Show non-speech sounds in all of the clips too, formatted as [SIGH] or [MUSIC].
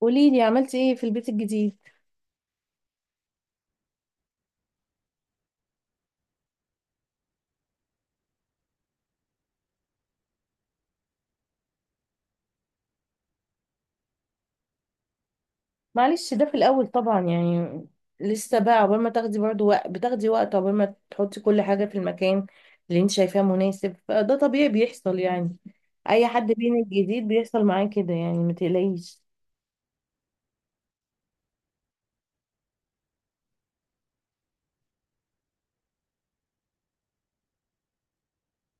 قولي لي عملتي ايه في البيت الجديد؟ معلش، ده في الاول طبعا يعني لسه بقى. عقبال ما تاخدي برضو وقت، بتاخدي وقت عقبال ما تحطي كل حاجه في المكان اللي انت شايفاه مناسب، فده طبيعي بيحصل يعني. اي حد بين الجديد بيحصل معاه كده، يعني ما تقلقيش.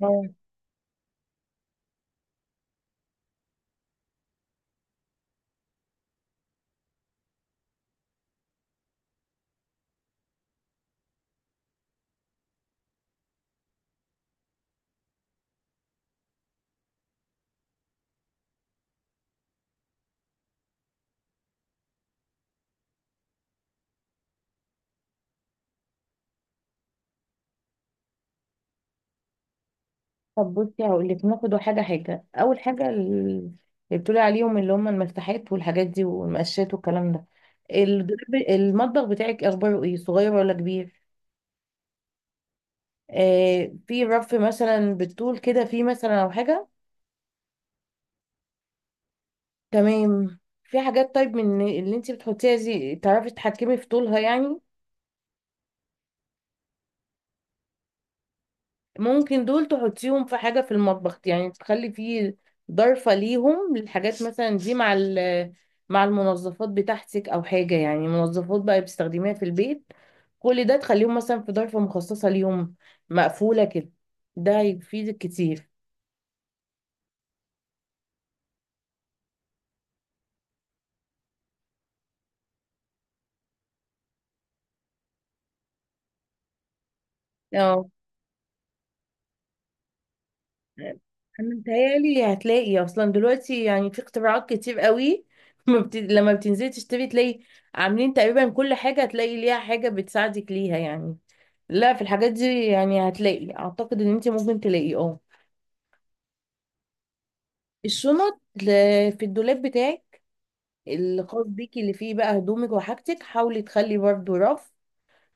آه. طب بصي هقول لك، ناخد حاجه حاجه. اول حاجه اللي بتقولي عليهم، اللي هم المفتاحات والحاجات دي والمقشات والكلام ده. المطبخ بتاعك اخباره ايه، صغير ولا كبير؟ آه، في رف مثلا بالطول كده، في مثلا او حاجه؟ تمام، في حاجات. طيب من اللي انت بتحطيها دي، تعرفي تتحكمي في طولها يعني؟ ممكن دول تحطيهم في حاجه في المطبخ، يعني تخلي فيه ضرفه ليهم، للحاجات مثلا دي، مع مع المنظفات بتاعتك او حاجه، يعني منظفات بقى بتستخدميها في البيت، كل ده تخليهم مثلا في ضرفه مخصصه ليهم، مقفوله كده. ده هيفيدك كتير. اه، انا متهيألي هتلاقي اصلا دلوقتي يعني، في اختراعات كتير قوي [LAUGHS] ما بت... لما بتنزلي تشتري، تلاقي عاملين تقريبا كل حاجة، هتلاقي ليها حاجة بتساعدك ليها يعني. لا، في الحاجات دي يعني هتلاقي. اعتقد ان انت ممكن تلاقي. اه. الشنط في الدولاب بتاعك الخاص بيكي، اللي فيه بقى هدومك وحاجتك، حاولي تخلي برضه رف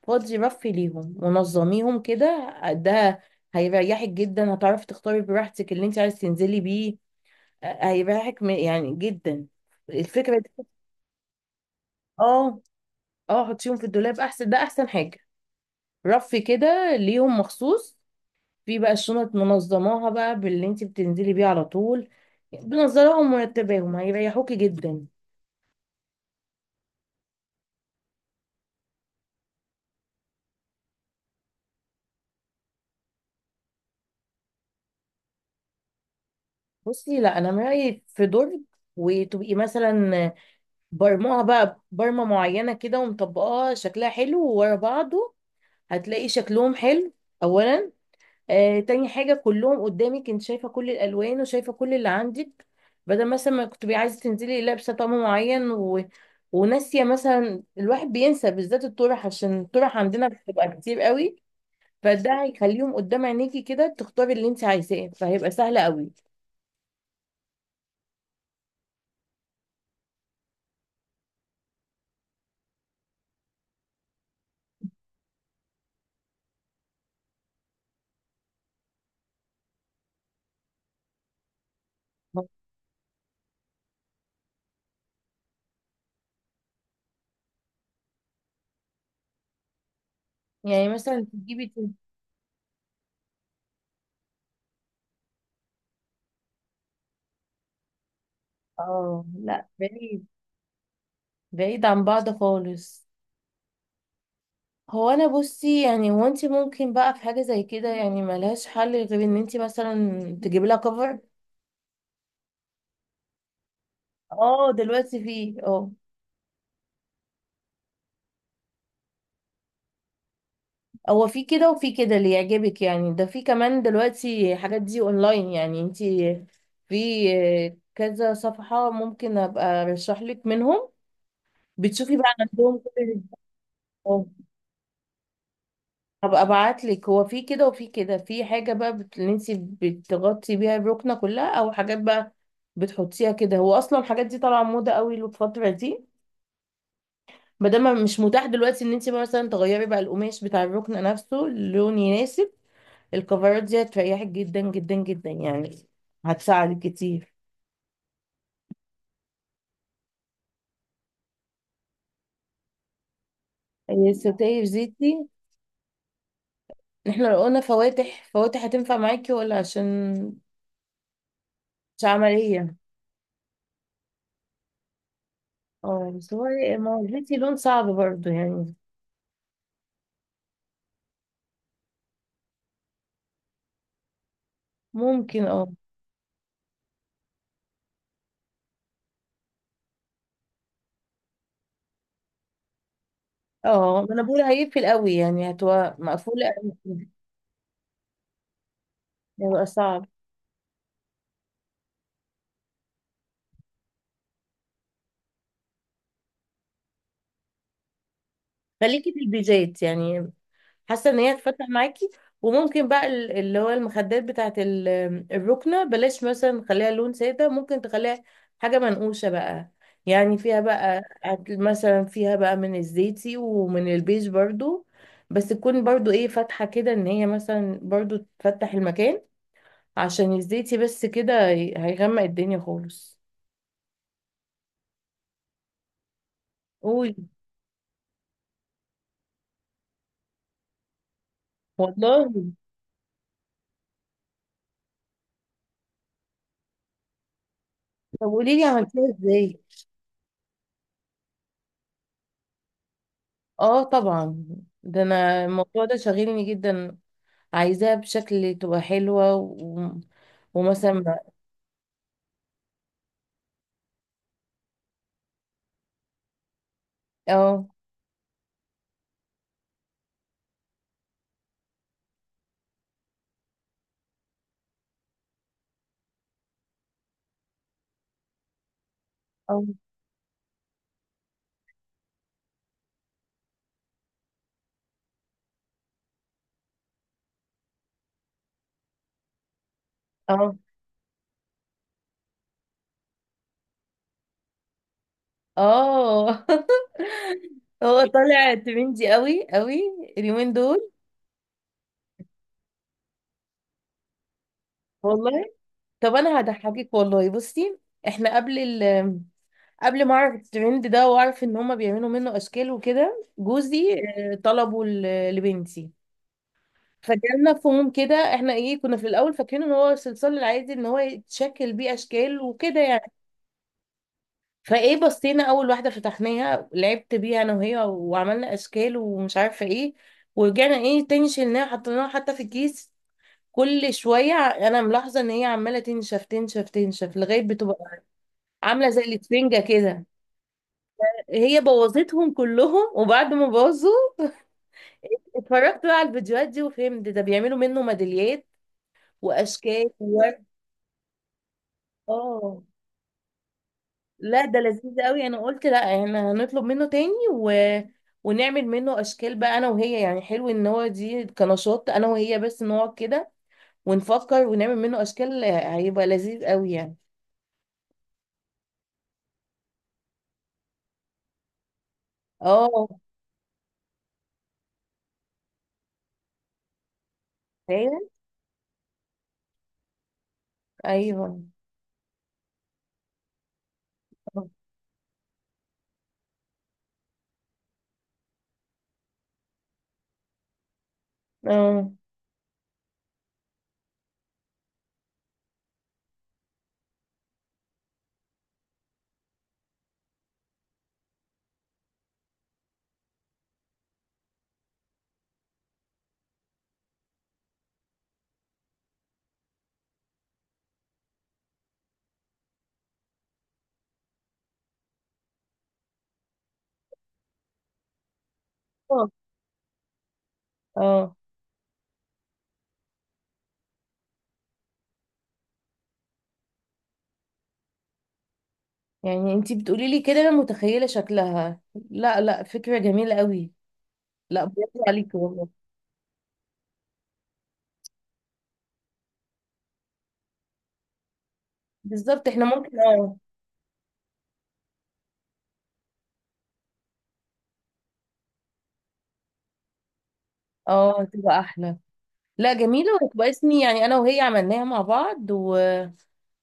فاضي، رف ليهم، ونظميهم كده. ده هيريحك جدا، هتعرفي تختاري براحتك اللي انت عايز تنزلي بيه. هيبقى حكمة يعني جدا الفكرة دي. اه. اه، حطيهم في الدولاب احسن، ده احسن حاجة. رف كده ليهم مخصوص، في بقى الشنط منظماها بقى باللي انت بتنزلي بيه على طول، بنظراهم ومرتباهم، هيريحوكي جدا. بصي، لا، انا من رأيي في درج. وتبقي مثلا برموها بقى برمة معينة كده، ومطبقاها، شكلها حلو وورا بعضه، هتلاقي شكلهم حلو اولا. آه، تاني حاجة، كلهم قدامك، انت شايفة كل الألوان وشايفة كل اللي عندك. بدل مثلا ما كنت بقى عايزة تنزلي لابسة طقم معين و... وناسية مثلا. الواحد بينسى بالذات الطرح، عشان الطرح عندنا بتبقى كتير قوي. فده هيخليهم قدام عينيكي كده، تختاري اللي انت عايزاه، فهيبقى سهل قوي. يعني مثلا تجيبي اه لا، بعيد. بعيد عن بعض خالص. هو انا بصي يعني، هو انت ممكن بقى في حاجة زي كده، يعني ملهاش حل غير ان انت مثلا تجيبي لها كفر. اه، دلوقتي في. اه، هو في كده وفي كده، اللي يعجبك يعني. ده في كمان دلوقتي حاجات دي اونلاين يعني، انتي في كذا صفحة، ممكن ابقى ارشح لك منهم، بتشوفي بقى عندهم كل اه. هبقى ابعت لك، هو في كده وفي كده، في حاجة بقى اللي انتي بتغطي بيها الركنة كلها، او حاجات بقى بتحطيها كده. هو اصلا الحاجات دي طالعة موضة قوي الفترة دي. ما دام مش متاح دلوقتي ان انت مثلا تغيري بقى القماش بتاع الركن نفسه لون يناسب، الكفرات دي هتريحك جدا جدا جدا يعني، هتساعدك كتير. الستاير زيتي. احنا لو قلنا فواتح فواتح، هتنفع معاكي ولا؟ عشان مش عملية. اه، بس هو ما هو الزيتي لون صعب برضو يعني. ممكن اه. اه، ما انا بقول هيقفل قوي يعني، هتبقى مقفولة قوي، هيبقى صعب. خليكي في البيجات يعني، حاسه ان هي هتفتح معاكي. وممكن بقى اللي هو المخدات بتاعت الركنه، بلاش مثلا خليها لون ساده، ممكن تخليها حاجه منقوشه بقى، يعني فيها مثلا فيها بقى من الزيتي ومن البيج برضو، بس تكون برضو ايه فاتحه كده، ان هي مثلا برضو تفتح المكان. عشان الزيتي بس كده هيغمق الدنيا خالص. قولي. والله، طب قولي لي عملتيها ازاي؟ اه، طبعا، ده انا الموضوع ده شاغلني جدا. عايزاها بشكل تبقى حلوة و... ومثلا. اه. اه. اه. اه [LAUGHS] هو طالع ترندي قوي قوي اليومين دول. والله، طب انا هضحكك، والله بصي. احنا قبل قبل ما اعرف الترند ده واعرف ان هما بيعملوا منه اشكال وكده، جوزي طلبه لبنتي. فجالنا فهم كده، احنا ايه كنا في الاول فاكرين ان هو الصلصال العادي، ان هو يتشكل بيه اشكال وكده يعني. فايه بصينا اول واحده، فتحناها، لعبت بيها انا وهي، وعملنا اشكال ومش عارفه ايه. ورجعنا ايه تاني، شلناها حطيناها حتى في الكيس. كل شويه انا ملاحظه ان هي عماله تنشف تنشف تنشف، لغايه بتبقى عامله زي الاسفنجه كده. هي بوظتهم كلهم. وبعد ما باظوا، اتفرجت بقى على الفيديوهات دي، وفهمت ده بيعملوا منه ميداليات واشكال وورد. اه. لا، ده لذيذ قوي. انا قلت لا، احنا هنطلب منه تاني، و... ونعمل منه اشكال بقى انا وهي، يعني حلو ان هو دي كنشاط انا وهي، بس نقعد كده ونفكر ونعمل منه اشكال، هيبقى لذيذ قوي يعني. اه. فاهم. ايوه. اه. اه. آه. يعني انتي بتقولي لي كده، انا متخيله شكلها. لا لا، فكره جميله قوي. لا، برافو عليكي والله. بالظبط، احنا ممكن. اه. اه، تبقى احلى. لا، جميله، وتبقى اسمي يعني انا وهي عملناها مع بعض و...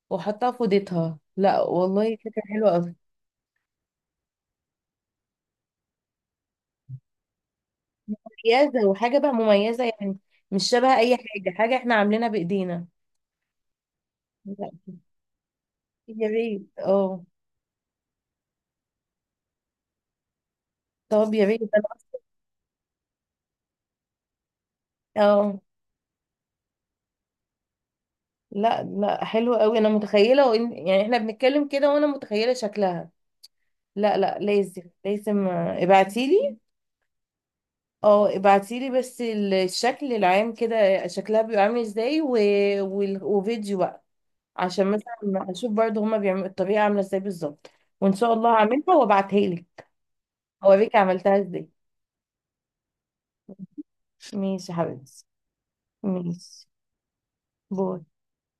وحطها في اوضتها. لا والله، فكرة حلوة قوي. مميزة، وحاجة بقى مميزة يعني، مش شبه أي حاجة، حاجة احنا عاملينها بإيدينا. لا، يا ريت اه. طب يا ريت اه. لا لا، حلوة قوي. أنا متخيلة، وإن يعني احنا بنتكلم كده وأنا متخيلة شكلها. لا لا، لازم لازم، آه، ابعتيلي. اه، ابعتيلي بس الشكل العام كده شكلها بيبقى عامل ازاي، و... وال- وفيديو، عشان مثلا اشوف برضو هما بيعملوا الطريقه عامله ازاي بالظبط. وان شاء الله هعملها وابعتها لك. اوريك عملتها ازاي. ماشي يا حبيبتي. ماشي، باي.